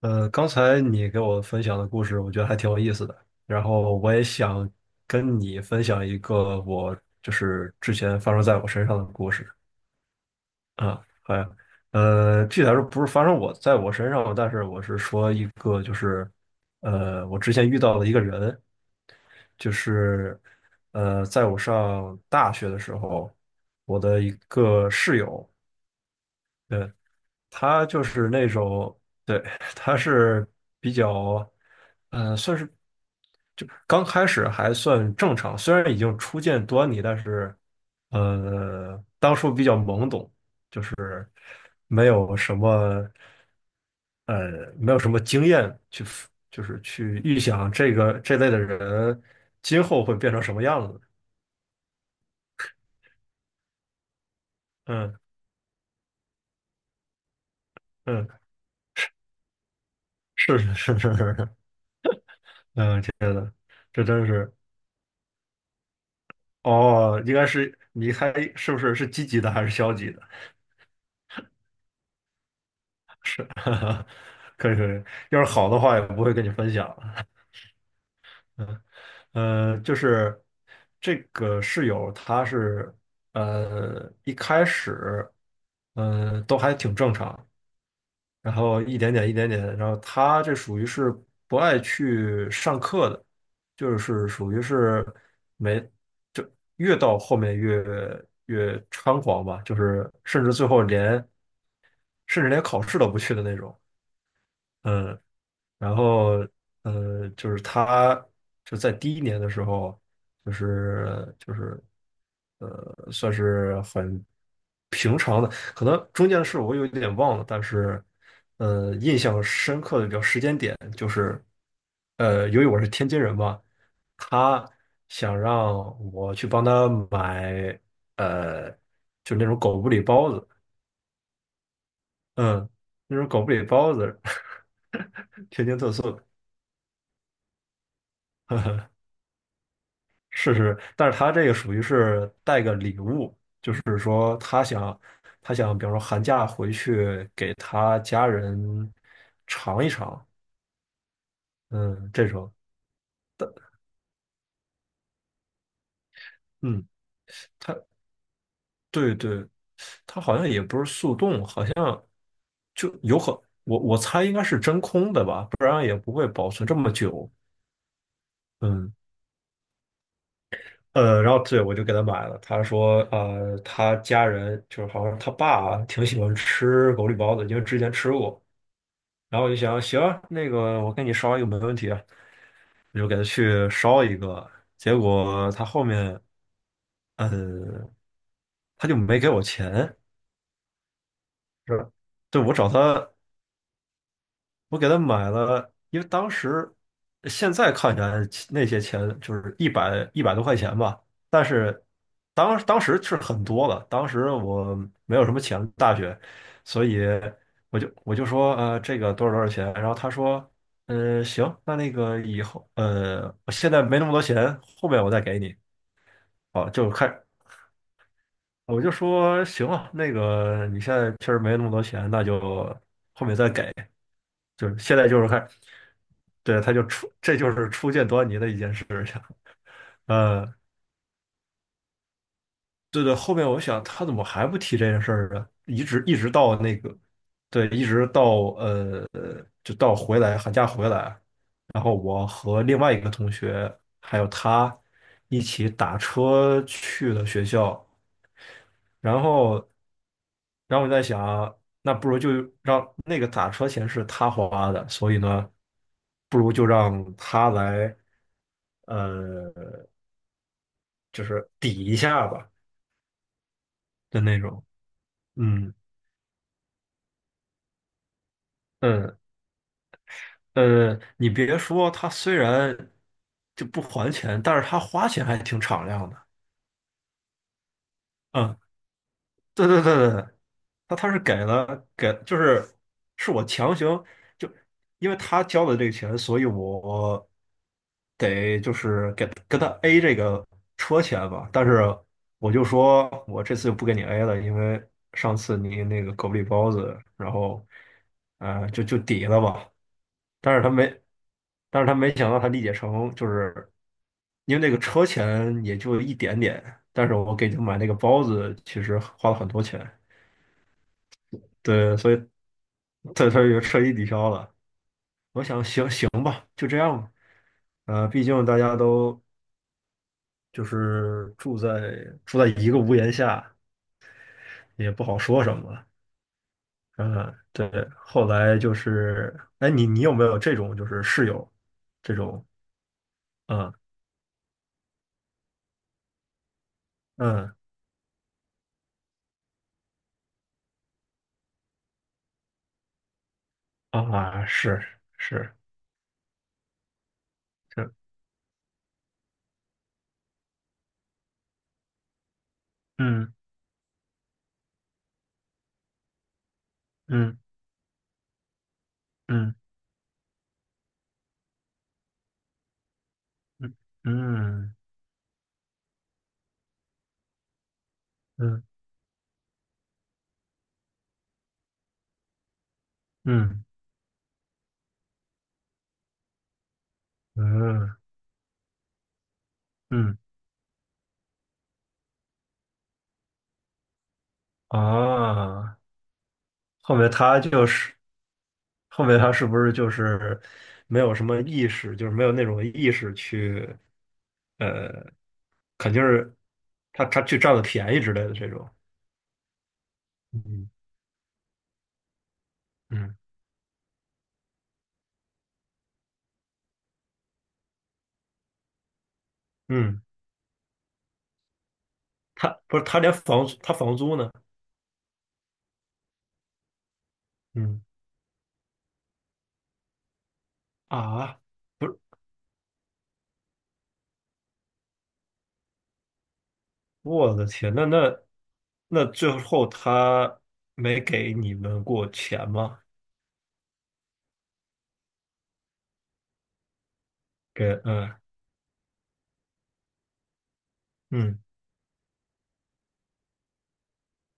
刚才你给我分享的故事，我觉得还挺有意思的。然后我也想跟你分享一个我就是之前发生在我身上的故事。啊，好呀。具体来说不是发生我在我身上，但是我是说一个就是我之前遇到的一个人，就是在我上大学的时候，我的一个室友。呃他就是那种，对，他是比较，算是就刚开始还算正常，虽然已经初见端倪，但是当初比较懵懂，没有什么，没有什么经验去 就是去预想这个这类的人今后会变成什么样子。嗯嗯，是是是是是，是，这真是。哦，应该是你还是不是，是积极的还是消极的？是，可以可以，要是好的话也不会跟你分享。嗯，就是这个室友，他是一开始，嗯，都还挺正常，然后一点点一点点，然后他这属于是不爱去上课的，就是属于是没，就越到后面越猖狂吧，就是甚至最后连甚至连考试都不去的那种。嗯。然后就是他就在第一年的时候，就是算是很平常的，可能中间的事我有点忘了，但是印象深刻的比较时间点就是，由于我是天津人嘛，他想让我去帮他买呃，就那种狗不理包子。嗯，那种狗不理包子，天津特色。是是，但是他这个属于是带个礼物，就是说他想，比方说寒假回去给他家人尝一尝。嗯，这种。但嗯，他，对对，他好像也不是速冻，好像就有可，我猜应该是真空的吧，不然也不会保存这么久。嗯。然后对，我就给他买了。他说，他家人就是好像他爸啊挺喜欢吃狗不包子，因为之前吃过。然后我就想，行啊，那个我给你烧一个没问题啊，我就给他去烧一个。结果他后面，嗯，他就没给我钱。是吧？对，我找他，我给他买了，因为当时现在看起来那些钱就是一百一百多块钱吧，但是当时是很多了，当时我没有什么钱，大学，所以我就说这个多少多少钱，然后他说行，那个以后我现在没那么多钱，后面我再给你。哦就开我就说行了，那个你现在确实没那么多钱，那就后面再给。就是现在就是看，对，他就初，这就是初见端倪的一件事情。呃，对对，后面我想他怎么还不提这件事儿呢？一直一直到那个，对，一直到呃，就到寒假回来，然后我和另外一个同学还有他一起打车去了学校，然后，然后我在想，那不如就让那个打车钱是他花的，所以呢，不如就让他来，呃，就是抵一下吧的那种。嗯嗯。你别说，他虽然就不还钱，但是他花钱还挺敞亮的。嗯。对对对对，他是给了，就是是我强行就，因为他交的这个钱，所以我得就是跟他 A 这个车钱吧。但是我就说我这次就不给你 A 了，因为上次你那个狗不理包子，然后就抵了吧。但是他没，但是他没想到他理解成就是。因为那个车钱也就一点点，但是我给你买那个包子，其实花了很多钱。对，所以对，他就彻底抵消了。我想，行行吧，就这样吧。毕竟大家都就是住在一个屋檐下，也不好说什么了。嗯，对。后来就是，哎，你有没有这种就是室友这种？嗯嗯，啊，是，是。这嗯嗯嗯嗯嗯。嗯嗯嗯嗯嗯，啊，后面他就是，后面他是不是就是没有什么意识，就是没有那种意识去呃，肯定是他去占了便宜之类的这种。嗯嗯嗯。他不是，他连房租，他房租呢？嗯，啊，不是，我的天，那那最后他没给你们过钱吗？给，嗯嗯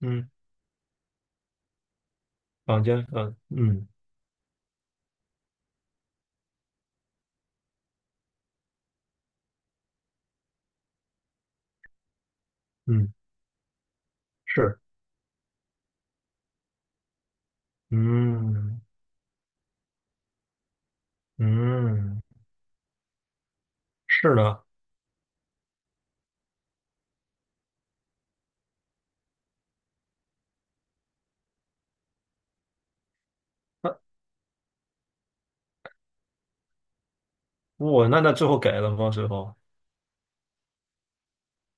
嗯，房间，嗯嗯。嗯，是，嗯嗯，是的。那我那那最后给了吗？最后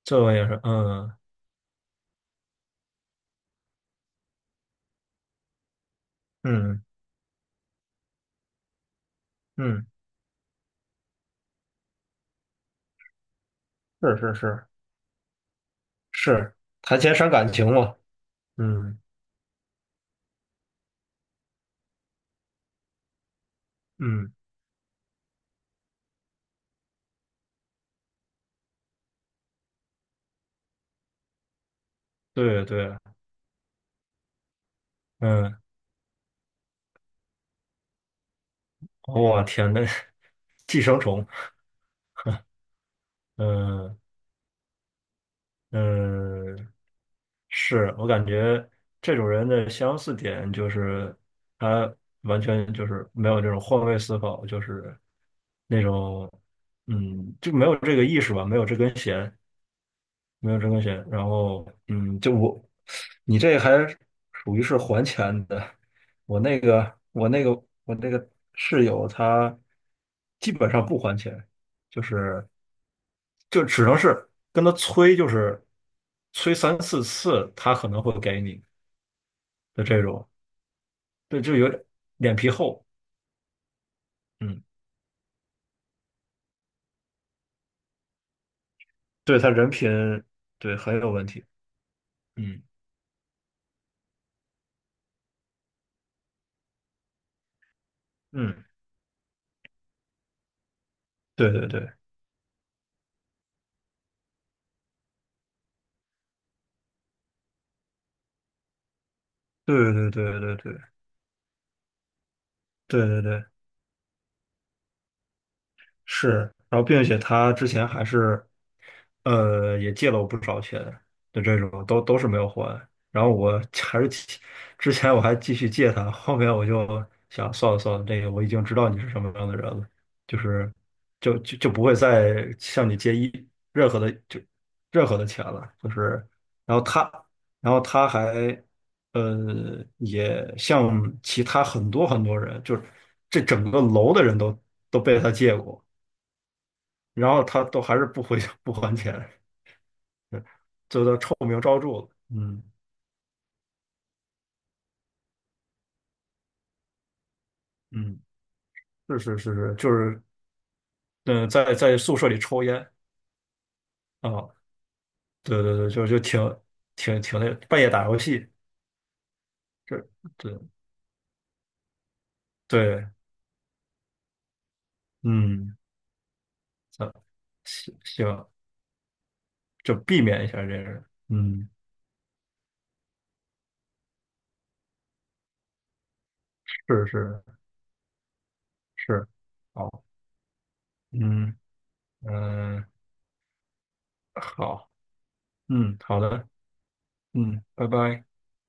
这后也是，嗯。嗯嗯，是是是是，谈钱伤感情嘛。嗯嗯，对对，嗯，我天，那， 寄生虫。嗯嗯。是我感觉这种人的相似点就是，他完全就是没有这种换位思考，就是那种，就没有这个意识吧，没有这根弦，没有这根弦。然后，就我你这还属于是还钱的。我那个我那个我那个室友他基本上不还钱，就是就只能是跟他催，就是催三四次，他可能会给你。就这种，对，就有点脸皮厚。嗯，对他人品，对很有问题。嗯嗯，对对对对对对对对对对对，是，然后并且他之前还是，也借了我不少钱的这种，都是没有还。然后我 还是继之前我还继续借他，后面我就想算了算了，这个我已经知道你是什么样的人了，就是就不会再向你借一任何的就任何的钱了。就是，然后他，然后他，还也向其他很多很多人，就是这整个楼的人都被他借过，然后他都还是不回 不还钱，就都臭名昭著了。嗯。嗯，是是是是，就是在宿舍里抽烟。啊，对对对，就挺挺那半夜打游戏。这对对，嗯。啊，行行，就避免一下这个，嗯，是是是，好，嗯嗯，好，嗯，好的。嗯，拜拜。